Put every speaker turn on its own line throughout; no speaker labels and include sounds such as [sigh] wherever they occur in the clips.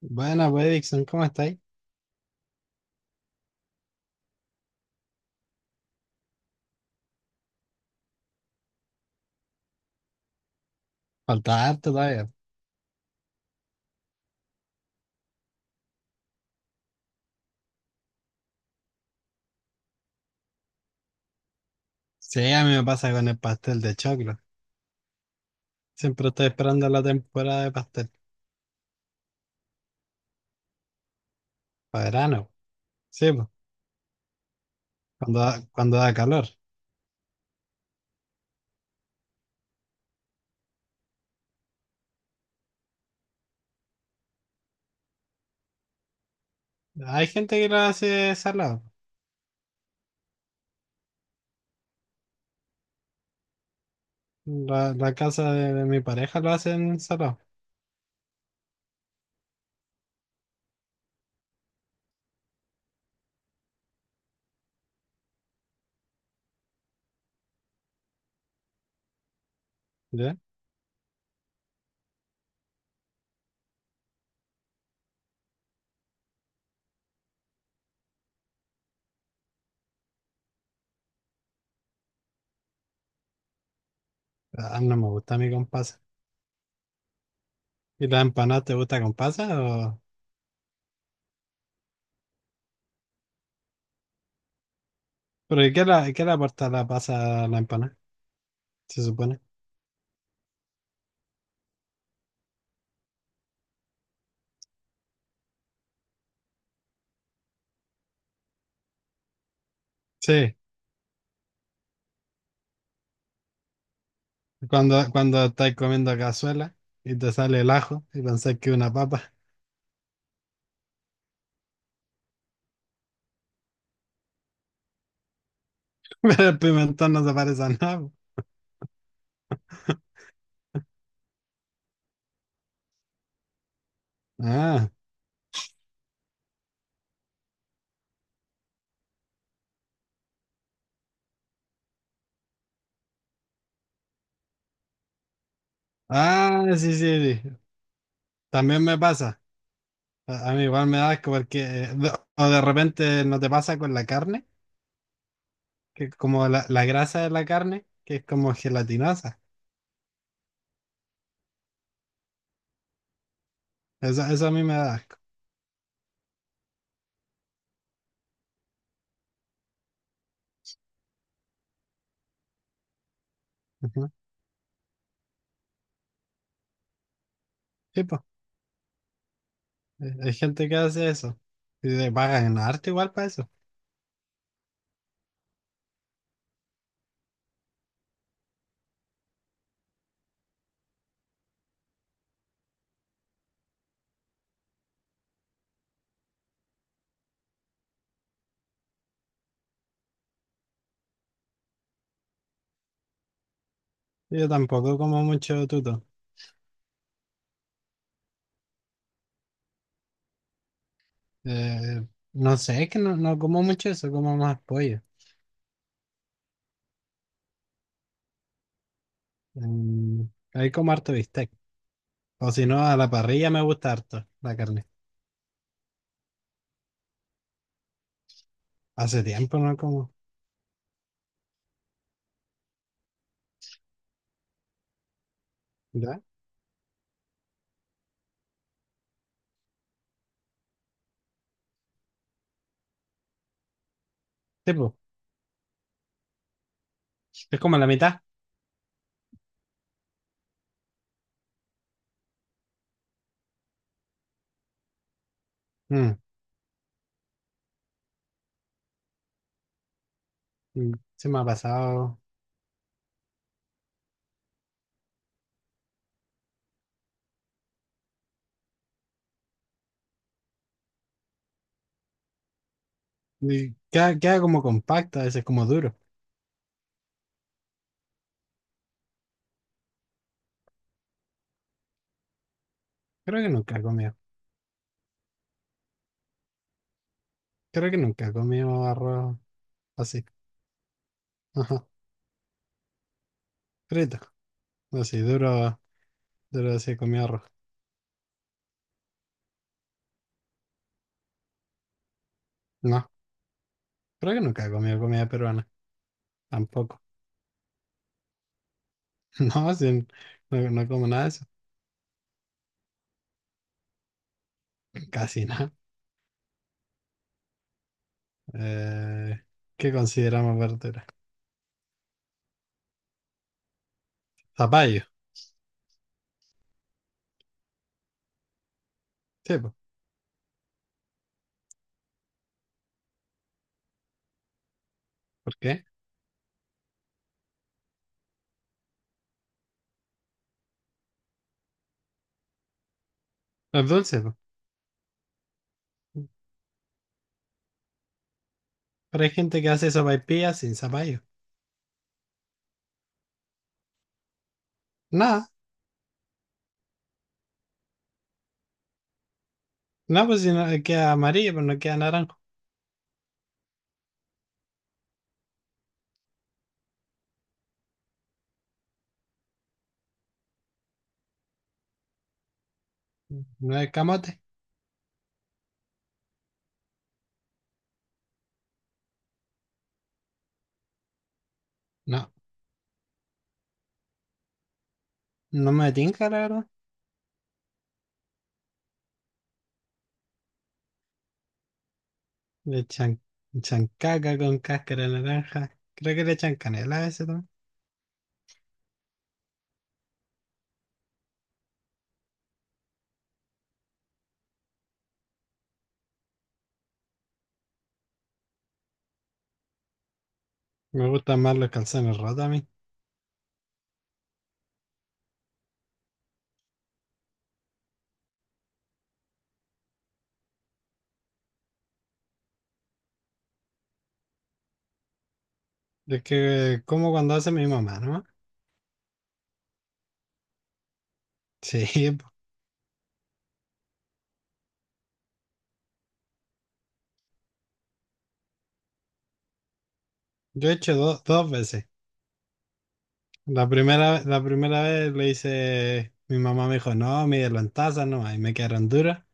Buena, pues, Dixon, ¿cómo estáis? Falta harto todavía. Sí, a mí me pasa con el pastel de choclo. Siempre estoy esperando la temporada de pastel. Para verano. Sí, pues, cuando da calor. Hay gente que lo hace salado. La casa de mi pareja lo hacen salado. ¿Ya? Ah, no me gusta a mí con pasa. ¿Y la empanada te gusta con pasa? O... ¿Pero y qué le aporta la pasa a la empanada? Se supone. Sí, cuando, cuando estáis comiendo cazuela y te sale el ajo y pensás que es una papa. [laughs] Pero pimentón no se parece a nada. Ah, ah, sí, sí, sí. También me pasa. A mí igual me da asco porque, o de repente no te pasa con la carne, que como la grasa de la carne, que es como gelatinosa. Eso a mí me da asco. Ujú. Sí, po. Hay gente que hace eso. Y le pagan arte igual para eso. Yo tampoco como mucho tuto. Eh, no sé, es que no, no como mucho eso, como más pollo. Mm, ahí como harto bistec. O si no, a la parrilla me gusta harto la carne. Hace tiempo no como. ¿Verdad? Tipo, es como la mitad. Mm, se me ha pasado. Y queda, queda como compacto, a veces como duro. Creo que nunca he comido. Creo que nunca he comido arroz así. Ajá. Frito. Así, duro, duro así he comido arroz. No, creo que nunca he comido comida peruana. Tampoco. [laughs] No, sí, no, no como nada de eso. Casi nada. Eh, ¿Qué consideramos verdura? Zapallo. Sí, po. ¿Por qué? Los dulces, po. Pero hay gente que hace sopaipillas sin zapallo. Nada, no, pues si no queda amarillo, pero no queda naranjo. No es camote. No, no me tinca, la verdad. Le echan, echan caca con cáscara de naranja. Creo que le echan canela a veces también. Me gustan más los calzones rotos a mí. Es que como cuando hace mi mamá, ¿no? [laughs] Sí, po. Yo he hecho dos veces. La primera vez le hice, mi mamá me dijo, no, mídelo en taza nomás, y me quedaron duras.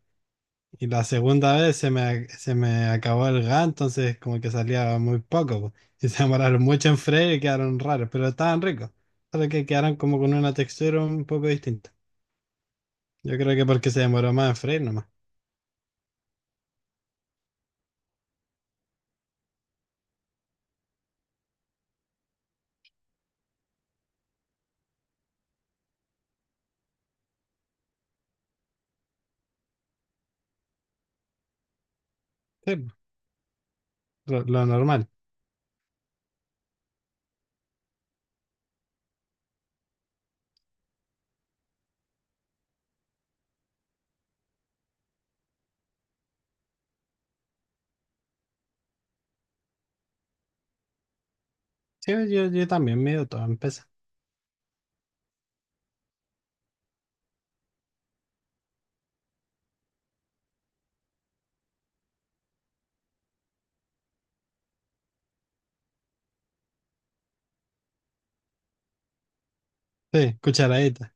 Y la segunda vez se me acabó el gas, entonces como que salía muy poco, po. [laughs] Y se demoraron mucho en freír y quedaron raros, pero estaban ricos. Solo que quedaron como con una textura un poco distinta. Yo creo que porque se demoró más en freír nomás. Sí, po, lo normal. Sí, yo también mido todo en peso. Sí, cucharadita.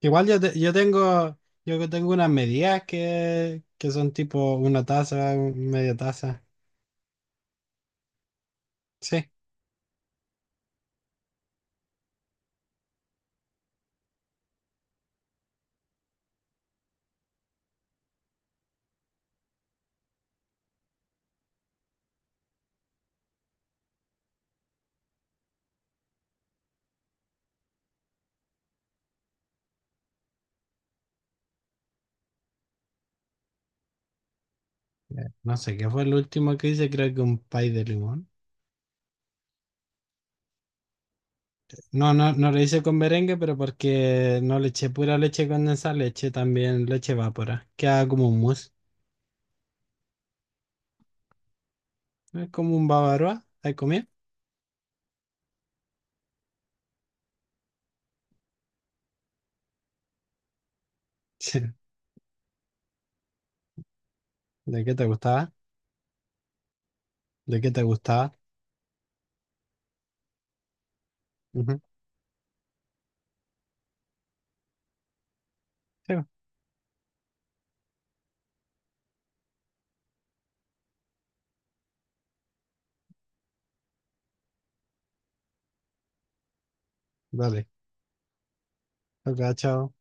Igual yo, yo tengo yo que tengo unas medidas que son tipo una taza, media taza. Sí. No sé qué fue el último que hice, creo que un pay de limón. No, no, no lo hice con merengue, pero porque no le eché pura leche condensada, le eché también leche evapora. Queda como un mousse. Es como un bavaroa. ¿Has comido? [laughs] Sí. ¿De qué te gustaba? ¿De qué te gustaba? Ujú. Sí, pues. Dale. Ok, chao.